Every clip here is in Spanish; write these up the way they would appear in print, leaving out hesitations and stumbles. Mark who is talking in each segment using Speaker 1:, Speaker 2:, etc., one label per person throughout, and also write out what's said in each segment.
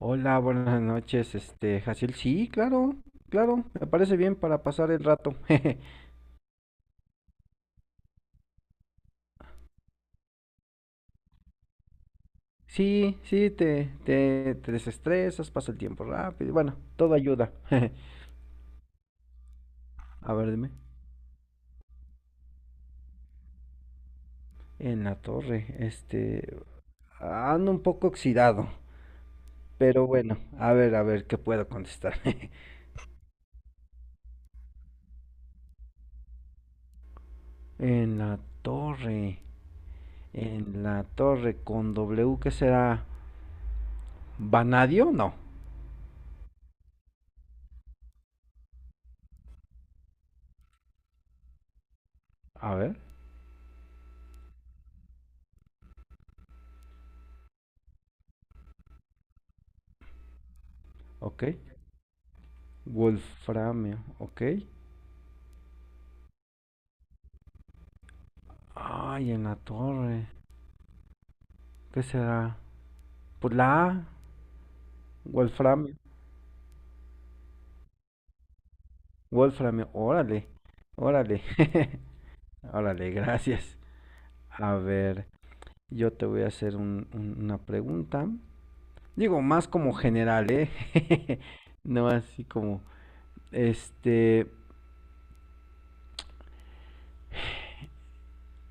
Speaker 1: Hola, buenas noches, Jaciel. Sí, claro, claro, me parece bien para pasar el rato. Jeje. Sí, sí, te desestresas, pasa el tiempo rápido. Y bueno, todo ayuda. Jeje. A ver, dime. En la torre, ando un poco oxidado, pero bueno, a ver, ¿qué puedo contestar? En la torre, en la torre con W, ¿qué será? ¿Vanadio? No. A ver, ok. Wolframio, ok. Ay, en la torre. ¿Qué será? Pues la A, Wolframio. Wolframio, órale, órale. Órale, gracias. A ver, yo te voy a hacer una pregunta. Digo, más como general, ¿eh? No así como, este,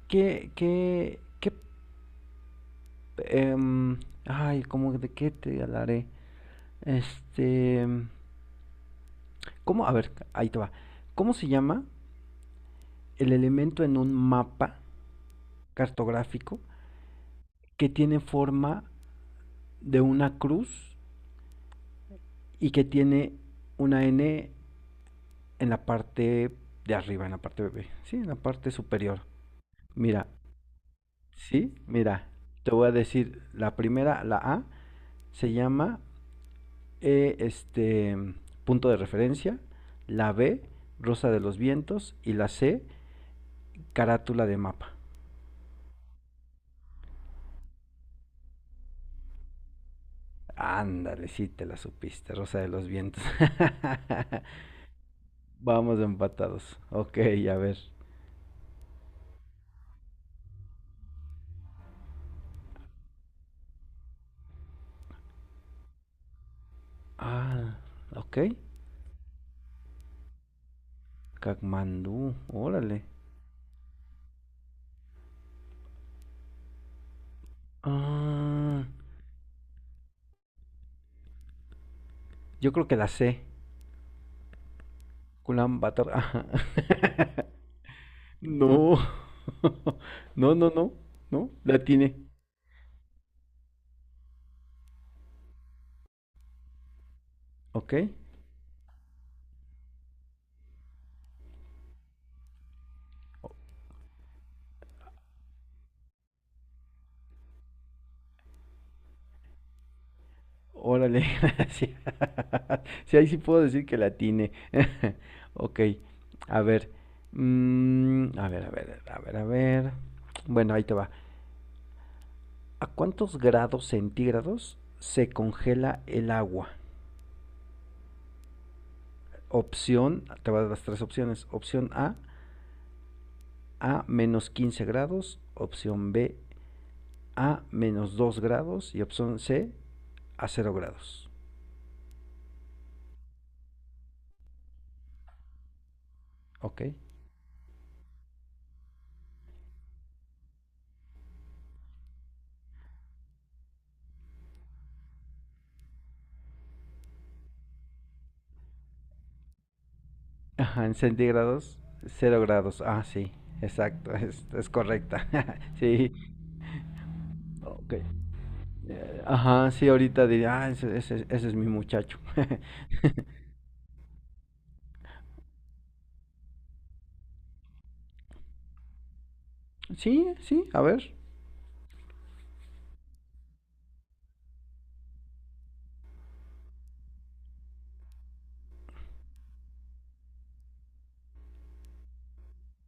Speaker 1: ¿qué, em, ay, ¿cómo de qué te hablaré? Este, ¿Cómo? A ver, ahí te va. ¿Cómo se llama el elemento en un mapa cartográfico que tiene forma de una cruz y que tiene una N en la parte de arriba, en la parte bebé, sí, en la parte superior? Mira, sí, mira, te voy a decir, la primera, la A, se llama este punto de referencia, la B, rosa de los vientos, y la C, carátula de mapa. Ándale, sí te la supiste, rosa de los vientos. Vamos empatados. Ok, a ver. Ah, ok. Kathmandú, órale. Ah, yo creo que la sé. Kulan Bator. Ajá. No. No, no, no. No, la tiene. Ok. Órale, gracias. Sí, ahí sí puedo decir que la tiene. Ok. A ver. A ver, a ver, a ver, a ver. Bueno, ahí te va. ¿A cuántos grados centígrados se congela el agua? Opción, te va a dar las tres opciones. Opción A, a -15 grados. Opción B, a -2 grados. Y opción C, a 0 grados. ¿Ok? Ajá, en centígrados, 0 grados. Ah, sí, exacto, es correcta. Sí, ok. Ajá, sí, ahorita diría, ah, ese es mi muchacho. Sí, sí, a ver,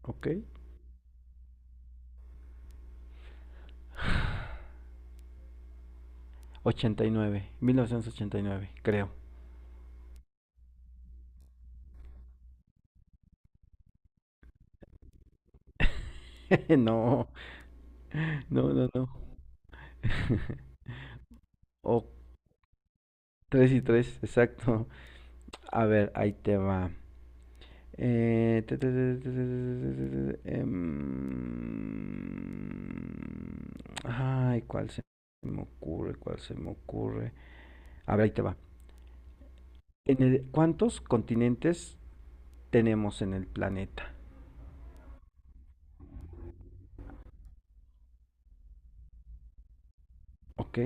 Speaker 1: ok. Ochenta y nueve, 1989, creo. No, no, no, no. O 3-3, exacto. A ver, ahí te va. Te- te- te- te- te- te- te- em, Ay, ¿cuál se me ocurre? ¿Cuál se me ocurre? A ver, ahí te va. ¿Cuántos continentes tenemos en el planeta? Ok,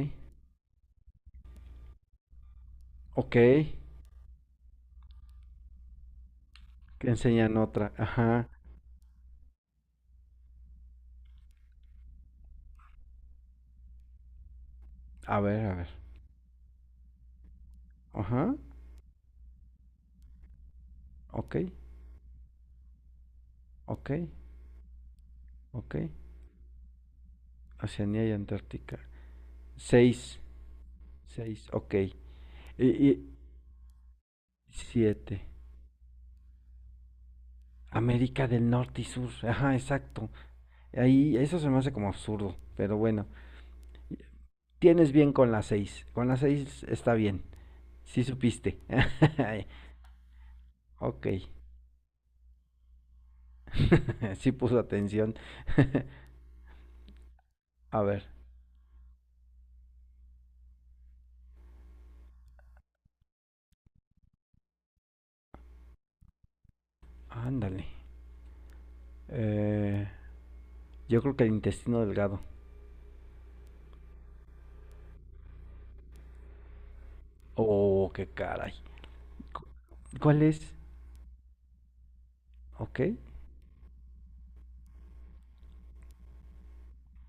Speaker 1: ok. Que enseñan otra. Ajá. A ver, a ver. Ajá. Ok, ok, ok. Oceanía y Antártica. Seis, seis, ok. Y siete. América del Norte y Sur. Ajá, exacto. Ahí eso se me hace como absurdo, pero bueno. Tienes bien con la seis. Con la seis está bien. Sí supiste. Ok. Sí puso atención. A ver, ándale. Eh, yo creo que el intestino delgado. Oh, qué caray. Cu- ¿Cuál es? Ok.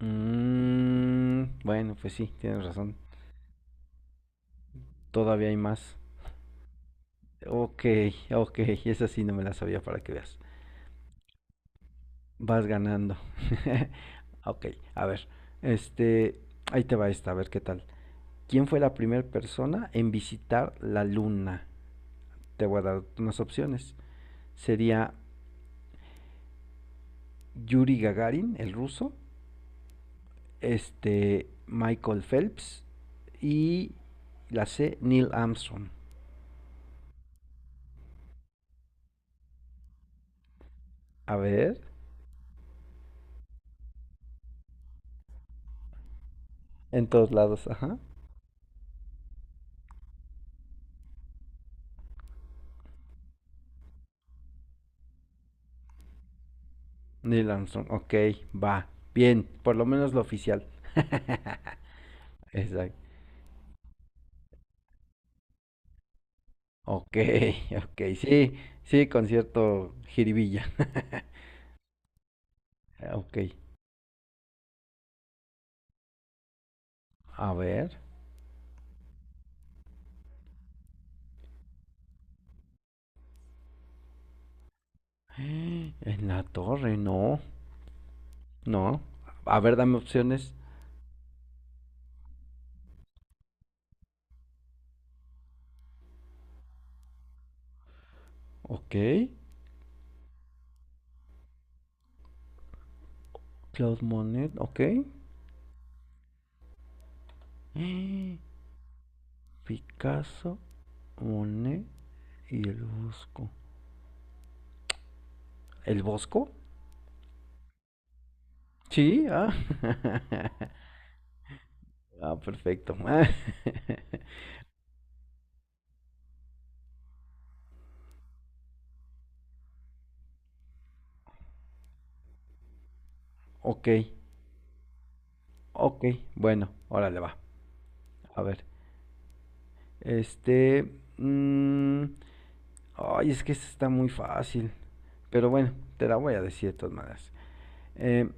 Speaker 1: Bueno, pues sí, tienes razón. Todavía hay más. Ok, ok, esa sí no me la sabía para que veas. Vas ganando. Ok, a ver, este, ahí te va esta, a ver qué tal. ¿Quién fue la primera persona en visitar la luna? Te voy a dar unas opciones. Sería Yuri Gagarin, el ruso, Michael Phelps y la C, Neil Armstrong. A ver, en todos lados, ajá. Neil Armstrong, ok, va, bien, por lo menos lo oficial. Exacto. Ok, ok, sí, sí, concierto jiribilla. Ok, a ver. En la torre, no, no. A ver, dame opciones. Ok, Claude Monet, ok. Picasso, Monet y el Bosco. ¿El Bosco? Sí, ah. Ah, perfecto. Ok, ok, bueno, órale va. A ver, este... mm, ay, es que esta está muy fácil. Pero bueno, te la voy a decir de todas maneras. Eh,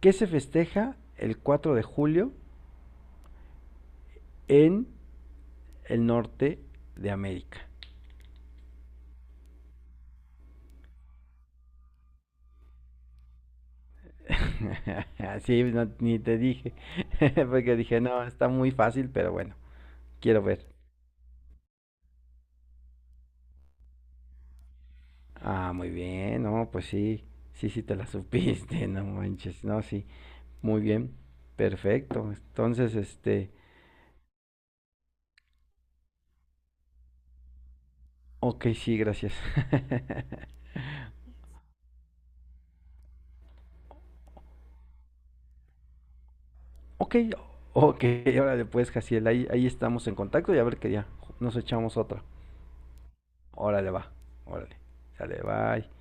Speaker 1: ¿Qué se festeja el 4 de julio en el norte de América? Sí, no, ni te dije. Porque dije, no, está muy fácil, pero bueno, quiero ver. Ah, muy bien, no, pues sí. Sí, sí, te la supiste, no manches. No, sí. Muy bien. Perfecto. Entonces. Ok, sí, gracias. Ok, ok, órale pues, Jaciel, ahí estamos en contacto y a ver qué día nos echamos otra. Órale, va, órale, sale, bye.